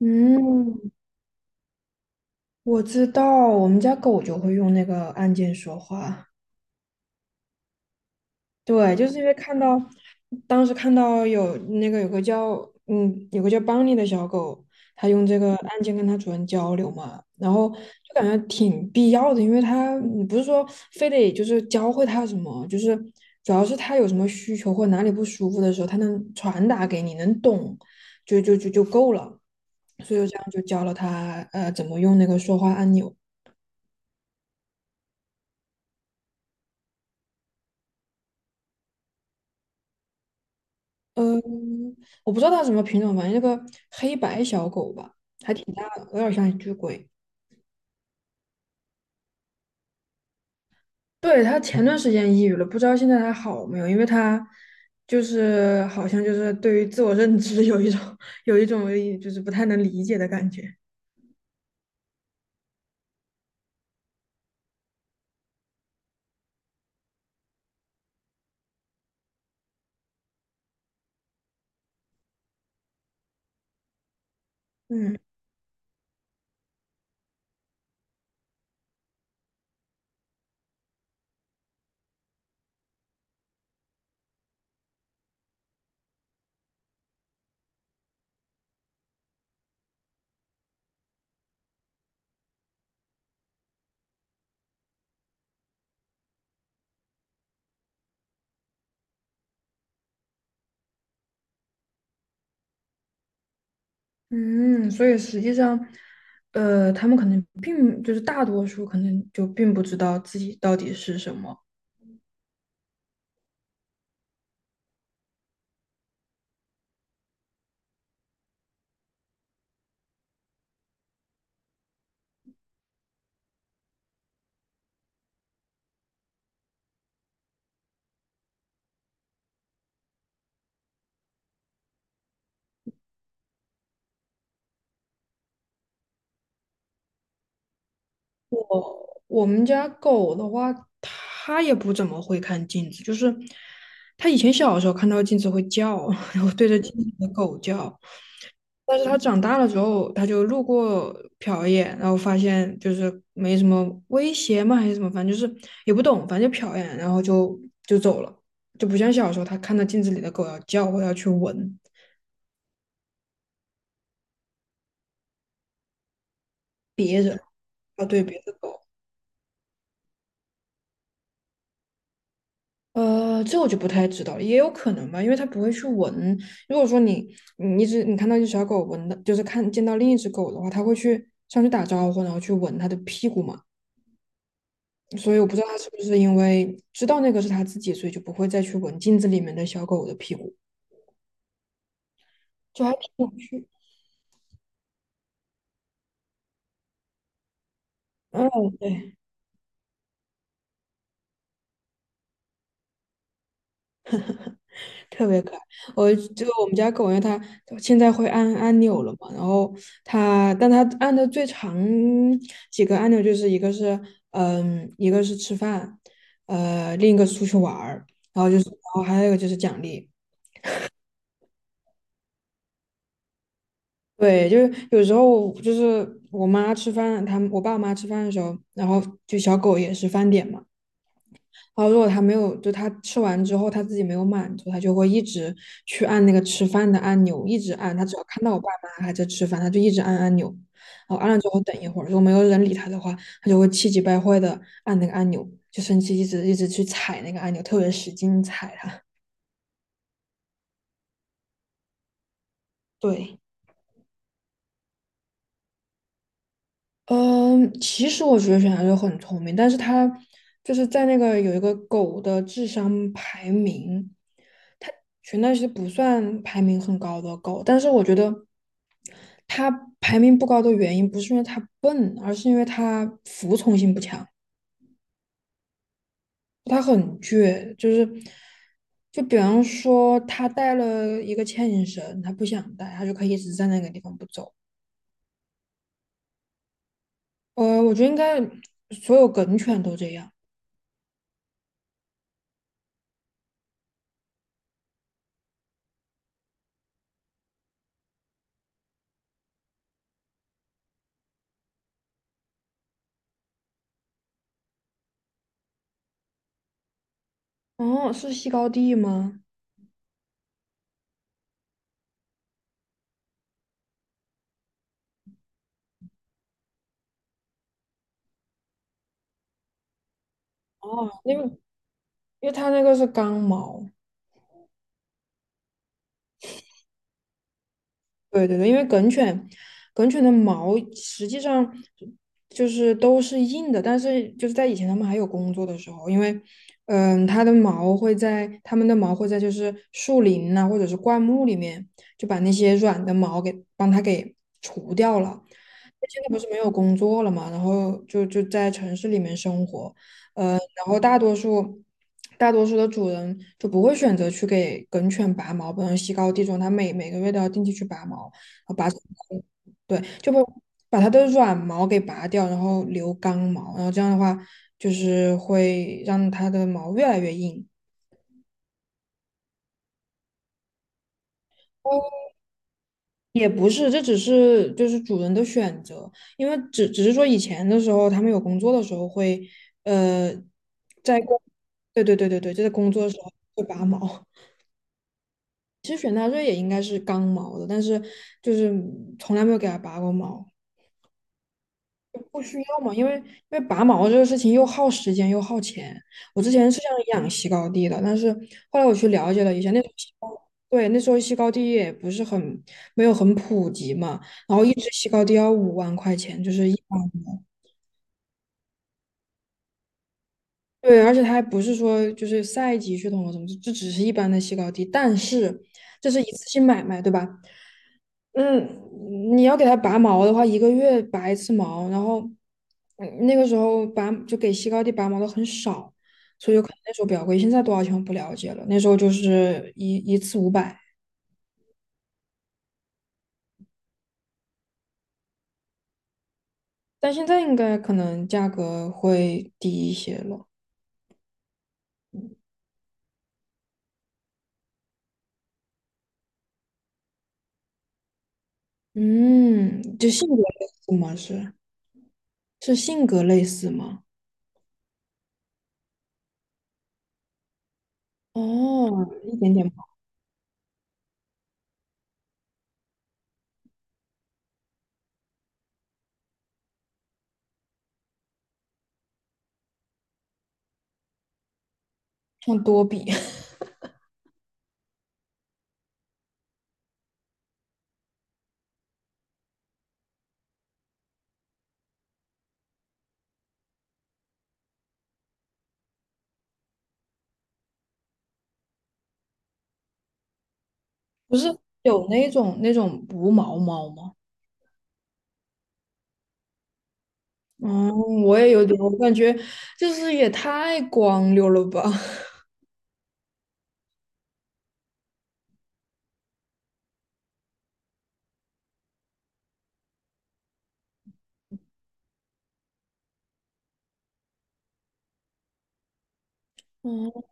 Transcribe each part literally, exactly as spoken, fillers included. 嗯，我知道，我们家狗就会用那个按键说话。对，就是因为看到，当时看到有那个有个叫嗯有个叫邦尼的小狗，它用这个按键跟它主人交流嘛，然后就感觉挺必要的，因为它你不是说非得就是教会它什么，就是主要是它有什么需求或哪里不舒服的时候，它能传达给你，能懂，就就就就够了。所以我这样就教了它呃怎么用那个说话按钮。嗯，我不知道它什么品种，反正那个黑白小狗吧，有点像一只鬼。对，它前段时间抑郁了，不知道现在还好没有，因为它就是好像就是对于自我认知 有一种 有一种就是不太能理解的感觉。嗯嗯，所以实际上，呃，他们可能并就是大多数可能就并不知道自己到底是什么。我们家狗的话，它也不怎么会看镜子，就是它以前小的时候看到镜子会叫，然后对着镜子的狗叫，但是它长大了之后，它就路过瞟一眼，然后发现就是没什么威胁嘛，还是什么，反正就是也不懂，反正就瞟一眼，然后就就走了，就不像小时候它看到镜子里的狗要叫或要去闻，要对别的狗。呃，这我就不太知道了，也有可能吧，因为它不会去闻。如果说你你一只你看到一只小狗闻的，就是看见到另一只狗的话，它会去上去打招呼，然后去闻它的屁股嘛。所以我不知道它是不是因为知道那个是它自己，所以就不会再去闻镜子里面的小狗的屁股，就还挺有趣。嗯，对。特别可爱。我就我们家狗，因为它现在会按按钮了嘛，然后它，但它按的最长几个按钮就是一个是嗯，一个是吃饭，呃，另一个是出去玩儿，然后就是，然后还有一个就是奖励。对，就是有时候就是我妈吃饭，他们我爸妈吃饭的时候，然后就小狗也是饭点嘛。然后如果他没有，就他吃完之后他自己没有满足，他就会一直去按那个吃饭的按钮，一直按。他只要看到我爸妈还在吃饭，他就一直按按钮。然后按了之后等一会儿，如果没有人理他的话，他就会气急败坏的按那个按钮，就生气，一直一直去踩那个按钮，特别使劲踩它。对。嗯，其实我觉得小孩就很聪明，但是它就是在那个有一个狗的智商排名，它全那些不算排名很高的狗，但是我觉得它排名不高的原因不是因为它笨，而是因为它服从性不强，它很倔，就是就比方说它带了一个牵引绳，它不想带，它就可以一直在那个地方不走。呃，我觉得应该所有梗犬都这样。哦，是西高地吗？哦，因为因为它那个是刚毛，对对对，因为梗犬，梗犬的毛实际上就是都是硬的，但是就是在以前他们还有工作的时候，因为嗯，它的毛会在它们的毛会在就是树林呐、或者是灌木里面，就把那些软的毛给帮它给除掉了，现在不是没有工作了嘛，然后就就在城市里面生活，呃，然后大多数大多数的主人就不会选择去给梗犬拔毛，不能西高地重，它每每个月都要定期去拔毛，然后拔出对，就把把它的软毛给拔掉，然后留刚毛，然后这样的话就是会让它的毛越来越硬。也不是，这只是就是主人的选择，因为只只是说以前的时候，他们有工作的时候会，呃，在工，对对对对对，就在工作的时候会拔毛。其实雪纳瑞也应该是刚毛的，但是就是从来没有给它拔过毛。不需要嘛，因为因为拔毛这个事情又耗时间又耗钱。我之前是想养西高地的，但是后来我去了解了一下，那时候西高对，那时候西高地也不是很没有很普及嘛，然后一只西高地要五万块钱，就是一般的。对，而且它还不是说就是赛级血统或什么，这只是一般的西高地，但是这是一次性买卖，对吧？嗯，你要给它拔毛的话，一个月拔一次毛，然后嗯那个时候拔就给西高地拔毛的很少，所以就可能那时候比较贵。现在多少钱我不了解了，那时候就是一一次五百，但现在应该可能价格会低一些了。嗯，就性格类似吗？是是性格类似吗？哦，一点点像多比，不是有那种那种无毛猫吗？哦，我也有点，我感觉就是也太光溜了吧。哦，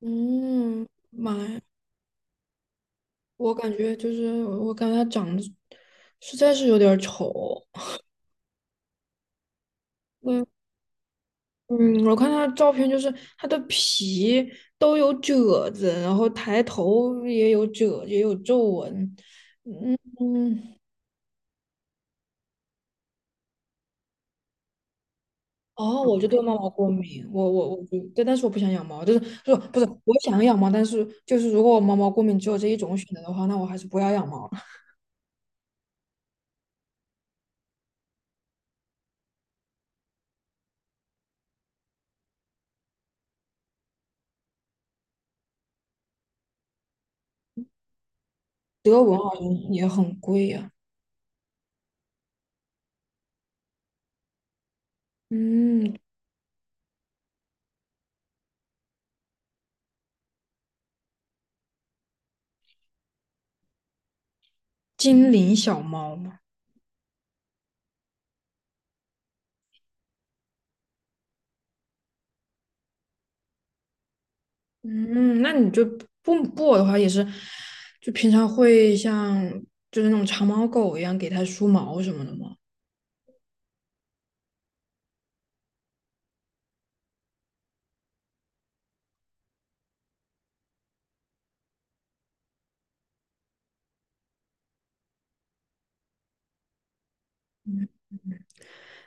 嗯，妈呀，我感觉就是我感觉他长得实在是有点儿丑。嗯嗯，我看他照片，就是他的皮都有褶子，然后抬头也有褶，也有皱纹。嗯，哦，我就对猫毛过敏，我我我就对，但是我不想养猫，就是就是不是我想养猫，但是就是如果我猫毛过敏只有这一种选择的话，那我还是不要养猫。德文好像也很贵呀、嗯，精灵小猫嘛，嗯，那你就不布偶的话也是，就平常会像就是那种长毛狗一样给它梳毛什么的嘛，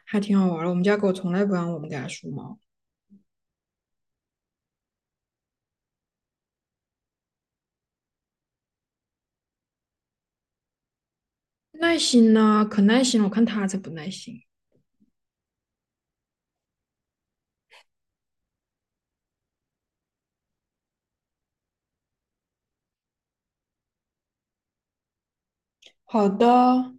还挺好玩儿的。我们家狗从来不让我们给它梳毛，耐心呢，可耐心了，我看它才不耐心。好的。